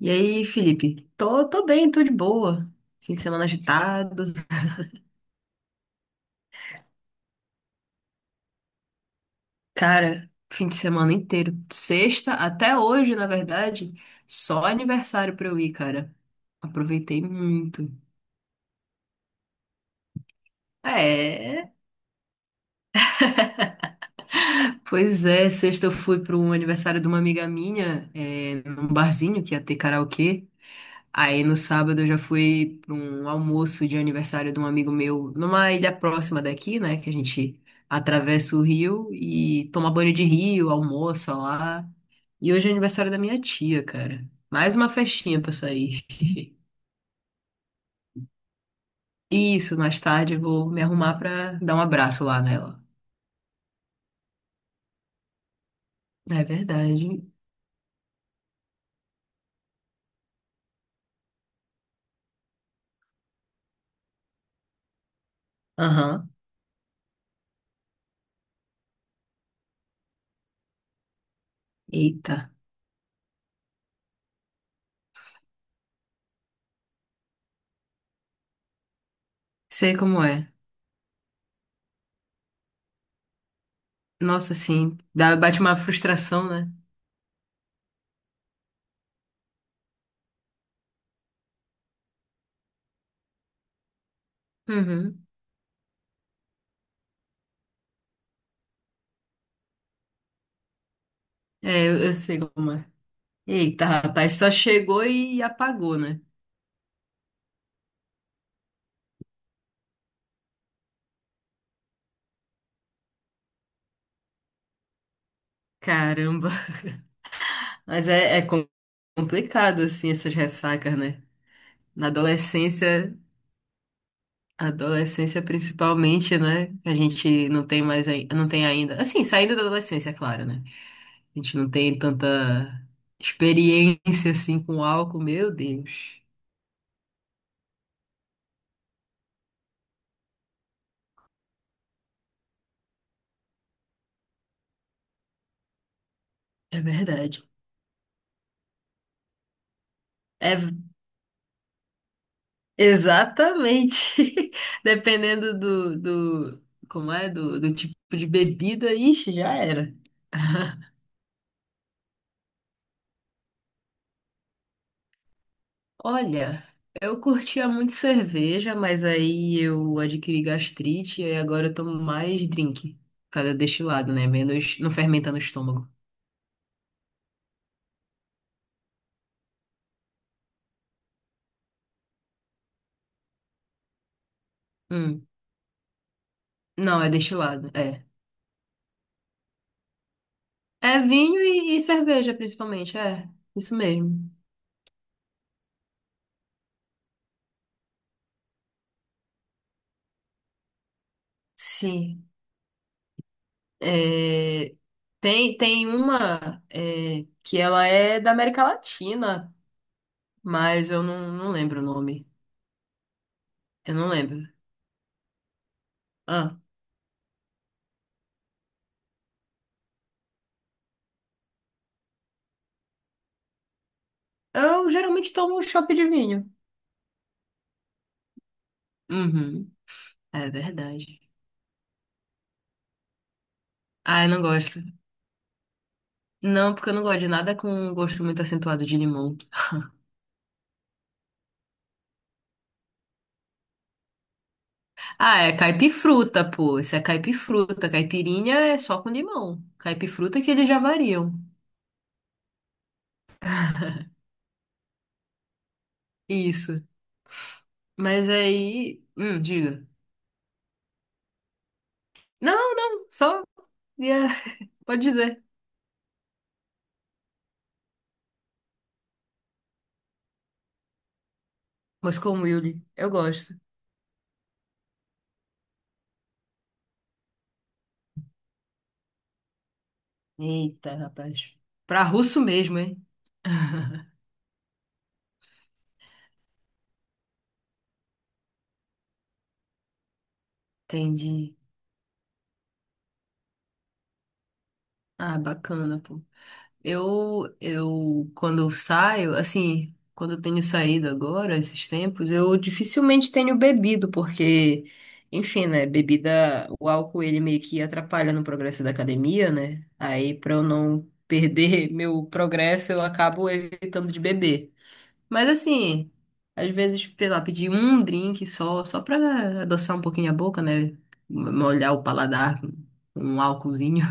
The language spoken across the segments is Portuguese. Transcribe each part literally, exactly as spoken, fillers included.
E aí, Felipe? Tô, tô bem, tô de boa. Fim de semana agitado. Cara, fim de semana inteiro. Sexta até hoje, na verdade, só aniversário pra eu ir, cara. Aproveitei muito. É. Pois é, sexta eu fui para um aniversário de uma amiga minha, é, num barzinho que ia ter karaokê. Aí no sábado eu já fui para um almoço de aniversário de um amigo meu numa ilha próxima daqui, né? Que a gente atravessa o rio e toma banho de rio, almoça lá. E hoje é aniversário da minha tia, cara. Mais uma festinha pra sair. E isso, mais tarde eu vou me arrumar pra dar um abraço lá nela. É verdade. Aham. Eita. Sei como é. Nossa, sim. Dá, bate uma frustração, né? Uhum. É, eu, eu sei como é. Eita, rapaz, só chegou e apagou, né? Caramba. Mas é, é com- complicado, assim, essas ressacas, né? Na adolescência, adolescência principalmente, né? A gente não tem mais, ai- não tem ainda. Assim, saindo da adolescência, é claro, né? A gente não tem tanta experiência, assim, com álcool, meu Deus. É verdade. É, exatamente. Dependendo do, do, como é, do, do tipo de bebida, ixi, já era. Olha, eu curtia muito cerveja, mas aí eu adquiri gastrite e agora eu tomo mais drink. Cada destilado, né? Menos, não fermenta no estômago. Hum. Não, é destilado, é. É vinho e, e cerveja, principalmente, é. Isso mesmo. Sim. É, tem, tem uma é, que ela é da América Latina, mas eu não, não lembro o nome. Eu não lembro. Ah, eu geralmente tomo um chopp de vinho. Uhum, é verdade. Ah, eu não gosto. Não, porque eu não gosto de nada com um gosto muito acentuado de limão. Ah, é caipifruta, pô. Isso é caipifruta. Caipirinha é só com limão. Caipifruta é que eles já variam. Isso. Mas aí. Hum, diga. Não, não, só. ia- Pode dizer. Mas com Yuli, eu gosto. Eita, rapaz. Pra russo mesmo, hein? Entendi. Ah, bacana, pô. Eu, eu, quando eu saio, assim, quando eu tenho saído agora, esses tempos, eu dificilmente tenho bebido, porque, enfim, né, bebida, o álcool, ele meio que atrapalha no progresso da academia, né? Aí, pra eu não perder meu progresso, eu acabo evitando de beber. Mas, assim, às vezes, sei lá, pedir um drink só, só pra adoçar um pouquinho a boca, né? Molhar o paladar com um álcoolzinho.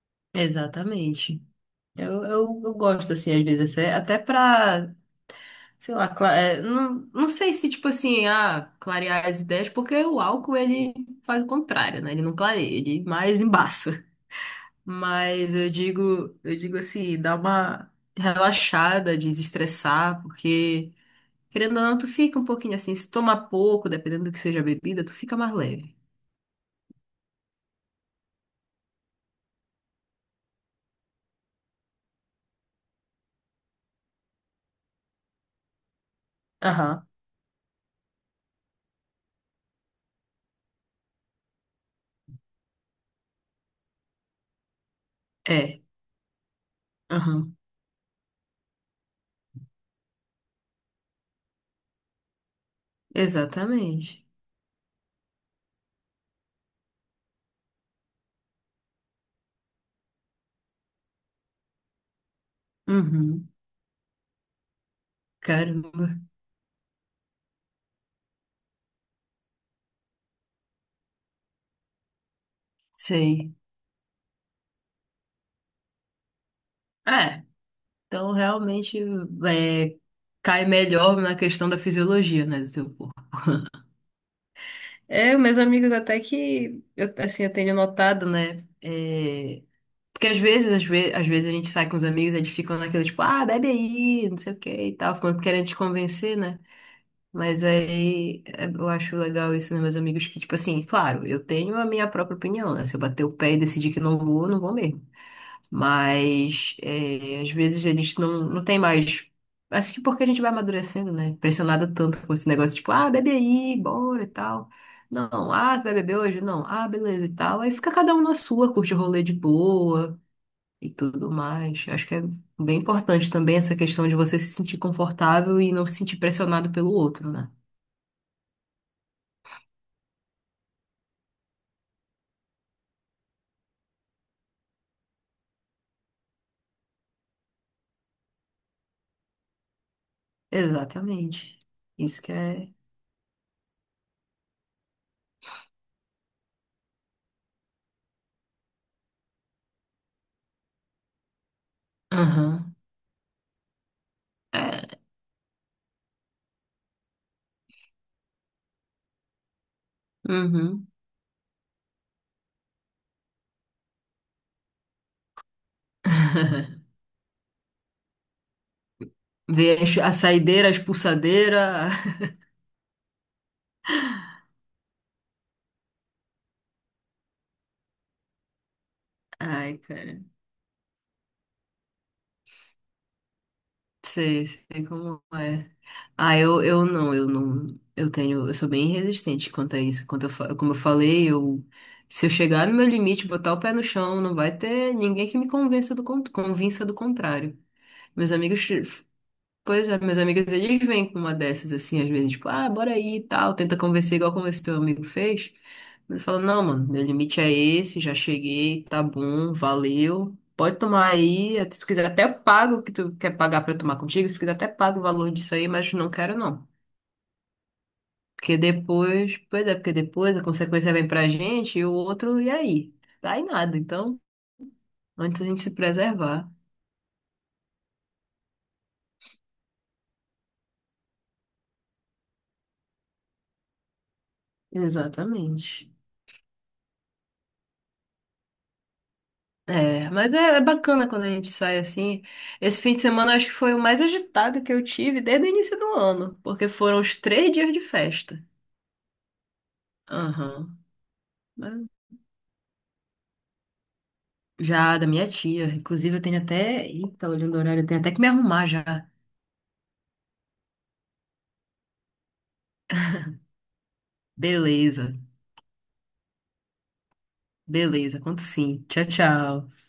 Exatamente. Eu, eu, eu gosto, assim, às vezes, até, até pra, sei lá, cla- é, não, não sei se, tipo assim, ah, clarear as ideias, porque o álcool, ele faz o contrário, né? Ele não clareia, ele mais embaça. Mas eu digo, eu digo assim, dá uma relaxada, desestressar, porque, querendo ou não, tu fica um pouquinho assim, se tomar pouco, dependendo do que seja a bebida, tu fica mais leve. Aham. É, aham, exatamente. Uhum, caramba, sei. É. Então, realmente, é, cai melhor na questão da fisiologia, né, do teu corpo. É, meus amigos, até que, eu, assim, eu tenho notado, né, é, porque às vezes, às vezes, às vezes a gente sai com os amigos, eles ficam naquele, tipo, ah, bebe aí, não sei o que e tal, ficam querendo te convencer, né, mas aí é, eu acho legal isso nos meus amigos, que, tipo assim, claro, eu tenho a minha própria opinião, né, se eu bater o pé e decidir que não vou, eu não vou mesmo. Mas é, às vezes a gente não, não tem mais. Acho que porque a gente vai amadurecendo, né? Pressionado tanto com esse negócio, tipo, ah, bebe aí, bora e tal. Não, ah, tu vai beber hoje? Não, ah, beleza e tal. Aí fica cada um na sua, curte o rolê de boa e tudo mais. Acho que é bem importante também essa questão de você se sentir confortável e não se sentir pressionado pelo outro, né? Exatamente. Isso que é. Aham. É. Uhum. Ver as- a saideira, a expulsadeira. Ai, cara. Sei, sei como é. Ah, eu, eu não, eu não. Eu tenho, eu sou bem resistente quanto a isso. Quanto eu, fa- como eu falei, eu, se eu chegar no meu limite, botar o pé no chão, não vai ter ninguém que me convença do, con- convença do contrário. Meus amigos Pois é, meus amigos, eles vêm com uma dessas assim, às vezes, tipo, ah, bora aí e tal, tenta convencer igual como esse teu amigo fez. Mas eu falo, não, mano, meu limite é esse, já cheguei, tá bom, valeu. Pode tomar aí, se tu quiser até eu pago o que tu quer pagar pra tomar contigo, se quiser até pago o valor disso aí, mas não quero não. Porque depois, pois é, porque depois a consequência vem pra gente e o outro, e aí? Dá em nada, então, antes a gente se preservar. Exatamente. É, mas é, é bacana quando a gente sai assim. Esse fim de semana acho que foi o mais agitado que eu tive desde o início do ano, porque foram os três dias de festa. Aham. Mas já da minha tia. Inclusive, eu tenho até. Eita, olhando o horário, eu tenho até que me arrumar já. Beleza, beleza, conto sim. Tchau, tchau.